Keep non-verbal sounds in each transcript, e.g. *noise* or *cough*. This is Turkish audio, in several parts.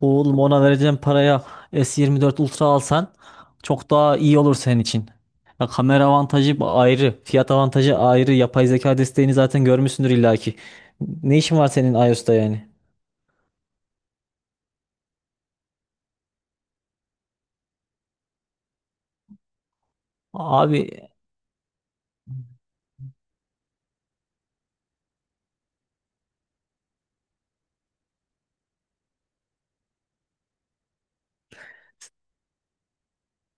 Oğlum ona vereceğim paraya S24 Ultra alsan çok daha iyi olur senin için. Ya kamera avantajı ayrı, fiyat avantajı ayrı. Yapay zeka desteğini zaten görmüşsündür illaki. Ne işin var senin iOS'ta yani? Abi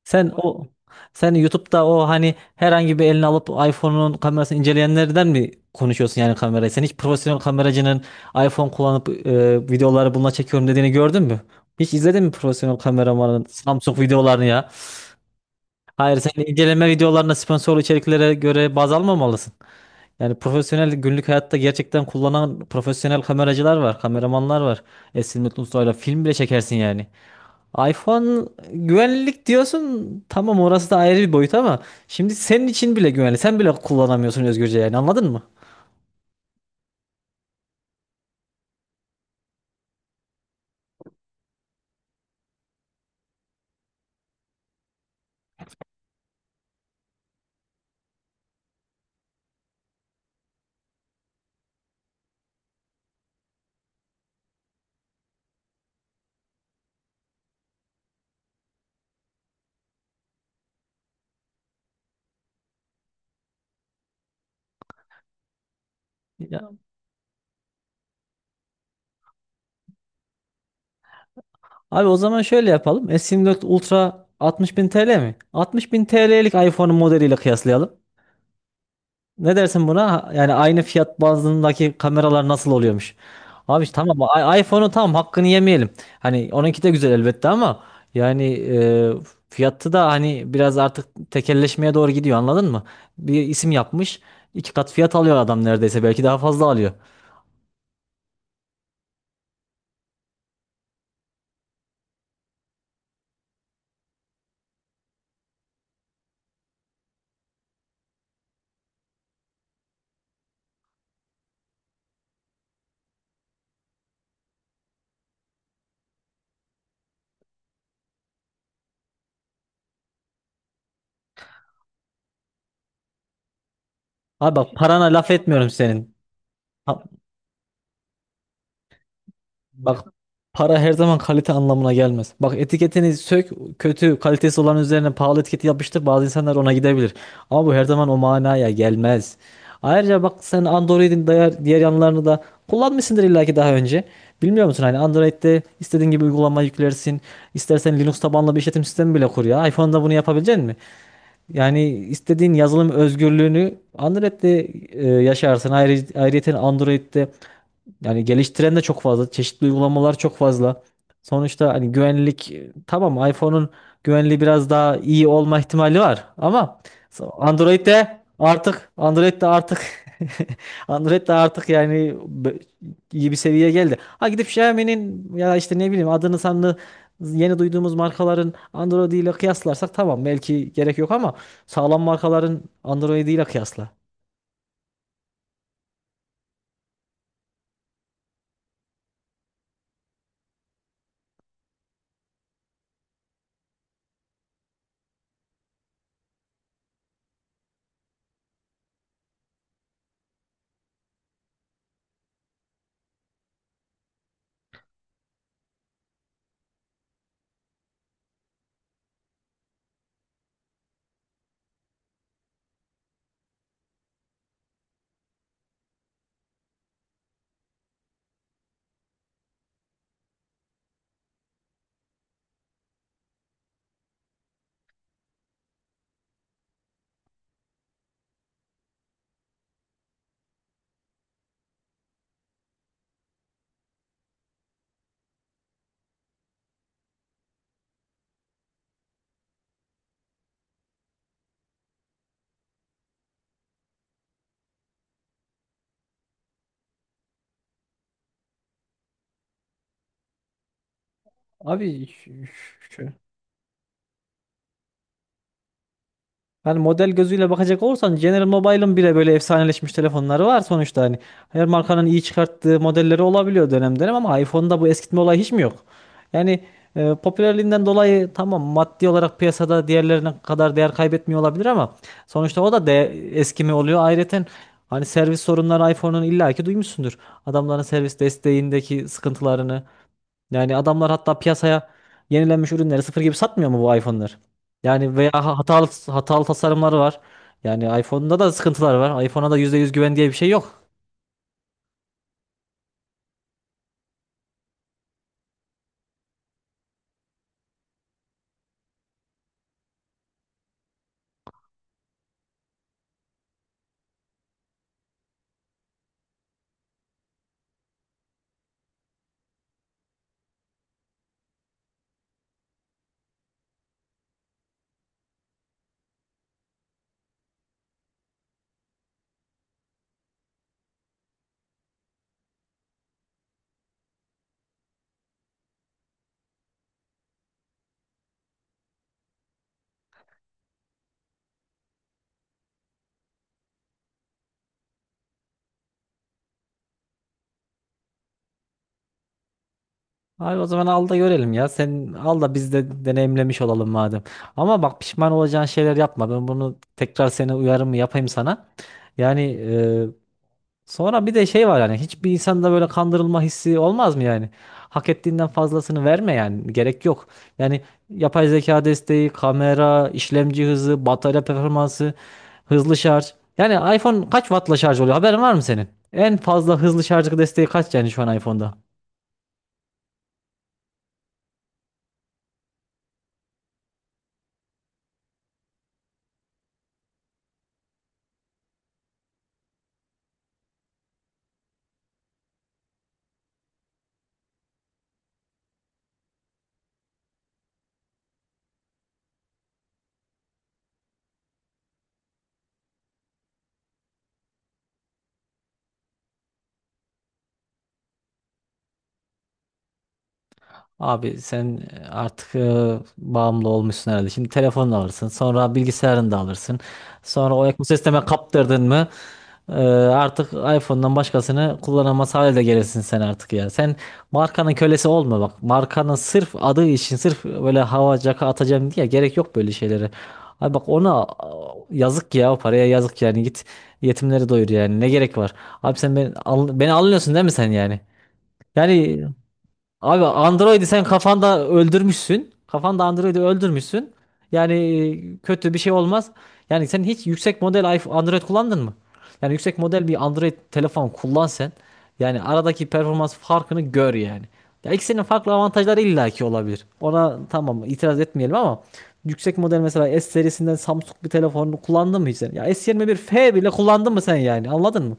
sen o sen YouTube'da o hani herhangi bir elini alıp iPhone'un kamerasını inceleyenlerden mi konuşuyorsun yani kamerayı? Sen hiç profesyonel kameracının iPhone kullanıp videoları bununla çekiyorum dediğini gördün mü? Hiç izledin mi profesyonel kameramanın Samsung videolarını ya? Hayır, sen inceleme videolarına sponsorlu içeriklere göre baz almamalısın. Yani profesyonel günlük hayatta gerçekten kullanan profesyonel kameracılar var, kameramanlar var. Esin Mutlu Usta'yla film bile çekersin yani. iPhone güvenlik diyorsun. Tamam orası da ayrı bir boyut ama şimdi senin için bile güvenli. Sen bile kullanamıyorsun özgürce yani anladın mı? Ya, abi o zaman şöyle yapalım. S24 Ultra 60.000 TL mi? 60.000 TL'lik iPhone'un modeliyle kıyaslayalım. Ne dersin buna? Yani aynı fiyat bandındaki kameralar nasıl oluyormuş? Abi işte tamam iPhone'un tamam hakkını yemeyelim. Hani onunki de güzel elbette ama yani fiyatı da hani biraz artık tekelleşmeye doğru gidiyor anladın mı? Bir isim yapmış iki kat fiyat alıyor adam neredeyse belki daha fazla alıyor. Abi bak parana laf etmiyorum senin. Ha, bak para her zaman kalite anlamına gelmez. Bak etiketini sök, kötü kalitesi olan üzerine pahalı etiketi yapıştır. Bazı insanlar ona gidebilir. Ama bu her zaman o manaya gelmez. Ayrıca bak sen Android'in diğer yanlarını da kullanmışsındır illaki daha önce. Bilmiyor musun hani Android'de istediğin gibi uygulama yüklersin. İstersen Linux tabanlı bir işletim sistemi bile kur ya. iPhone'da bunu yapabilecek misin? Yani istediğin yazılım özgürlüğünü Android'de yaşarsın. Ayrıyeten Android'de yani geliştiren de çok fazla. Çeşitli uygulamalar çok fazla. Sonuçta hani güvenlik tamam iPhone'un güvenliği biraz daha iyi olma ihtimali var ama Android de artık Android de artık *laughs* Android de artık yani iyi bir seviyeye geldi. Ha gidip Xiaomi'nin ya işte ne bileyim adını sanını yeni duyduğumuz markaların Android ile kıyaslarsak tamam belki gerek yok ama sağlam markaların Android ile kıyasla. Abi şu, Hani model gözüyle bakacak olursan General Mobile'ın bile böyle efsaneleşmiş telefonları var sonuçta hani. Her markanın iyi çıkarttığı modelleri olabiliyor dönem dönem ama iPhone'da bu eskitme olayı hiç mi yok? Yani popülerliğinden dolayı tamam maddi olarak piyasada diğerlerine kadar değer kaybetmiyor olabilir ama sonuçta o da de eskimi oluyor. Ayrıca hani servis sorunları iPhone'un illaki duymuşsundur. Adamların servis desteğindeki sıkıntılarını yani adamlar hatta piyasaya yenilenmiş ürünleri sıfır gibi satmıyor mu bu iPhone'lar? Yani veya hatalı hatalı tasarımları var. Yani iPhone'da da sıkıntılar var. iPhone'a da %100 güven diye bir şey yok. Abi o zaman al da görelim ya. Sen al da biz de deneyimlemiş olalım madem. Ama bak pişman olacağın şeyler yapma. Ben bunu tekrar seni uyarımı yapayım sana. Yani sonra bir de şey var yani hiçbir insanda böyle kandırılma hissi olmaz mı yani? Hak ettiğinden fazlasını verme yani gerek yok. Yani yapay zeka desteği, kamera, işlemci hızı, batarya performansı, hızlı şarj. Yani iPhone kaç wattla şarj oluyor? Haberin var mı senin? En fazla hızlı şarj desteği kaç yani şu an iPhone'da? Abi sen artık bağımlı olmuşsun herhalde. Şimdi telefonunu alırsın, sonra bilgisayarını da alırsın. Sonra o ekosisteme kaptırdın mı e, artık iPhone'dan başkasını kullanamaz hale de gelirsin sen artık ya. Sen markanın kölesi olma bak. Markanın sırf adı için sırf böyle hava caka atacağım diye gerek yok böyle şeylere. Abi bak ona yazık ya o paraya yazık yani git yetimleri doyur yani ne gerek var. Abi sen beni anlıyorsun değil mi sen yani? Yani abi Android'i sen kafanda öldürmüşsün. Kafanda Android'i öldürmüşsün. Yani kötü bir şey olmaz. Yani sen hiç yüksek model iPhone, Android kullandın mı? Yani yüksek model bir Android telefon kullan sen. Yani aradaki performans farkını gör yani. Ya ikisinin farklı avantajları illaki olabilir. Ona tamam itiraz etmeyelim ama yüksek model mesela S serisinden Samsung bir telefonu kullandın mı hiç sen? Ya S21 F bile kullandın mı sen yani? Anladın mı?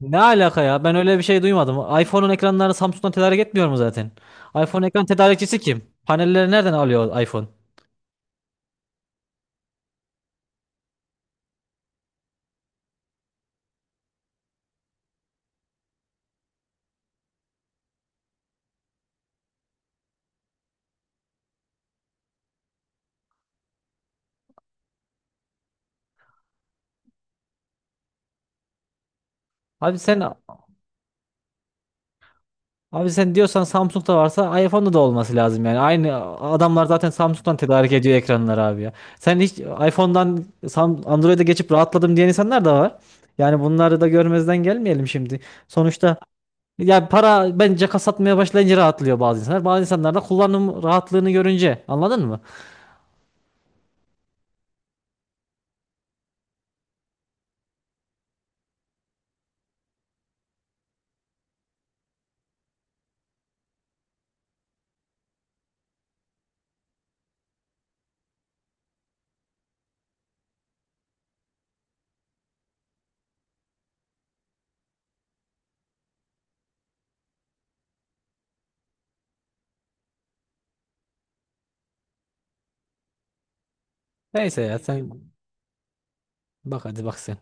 Ne alaka ya? Ben öyle bir şey duymadım. iPhone'un ekranlarını Samsung'dan tedarik etmiyor mu zaten? iPhone ekran tedarikçisi kim? Panelleri nereden alıyor iPhone? Abi sen abi sen diyorsan Samsung'da varsa iPhone'da da olması lazım yani. Aynı adamlar zaten Samsung'dan tedarik ediyor ekranları abi ya. Sen hiç iPhone'dan Android'e geçip rahatladım diyen insanlar da var. Yani bunları da görmezden gelmeyelim şimdi. Sonuçta ya para bence kasatmaya başlayınca rahatlıyor bazı insanlar. Bazı insanlar da kullanım rahatlığını görünce anladın mı? Neyse ya sen bak hadi bak sen.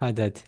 Hadi hadi.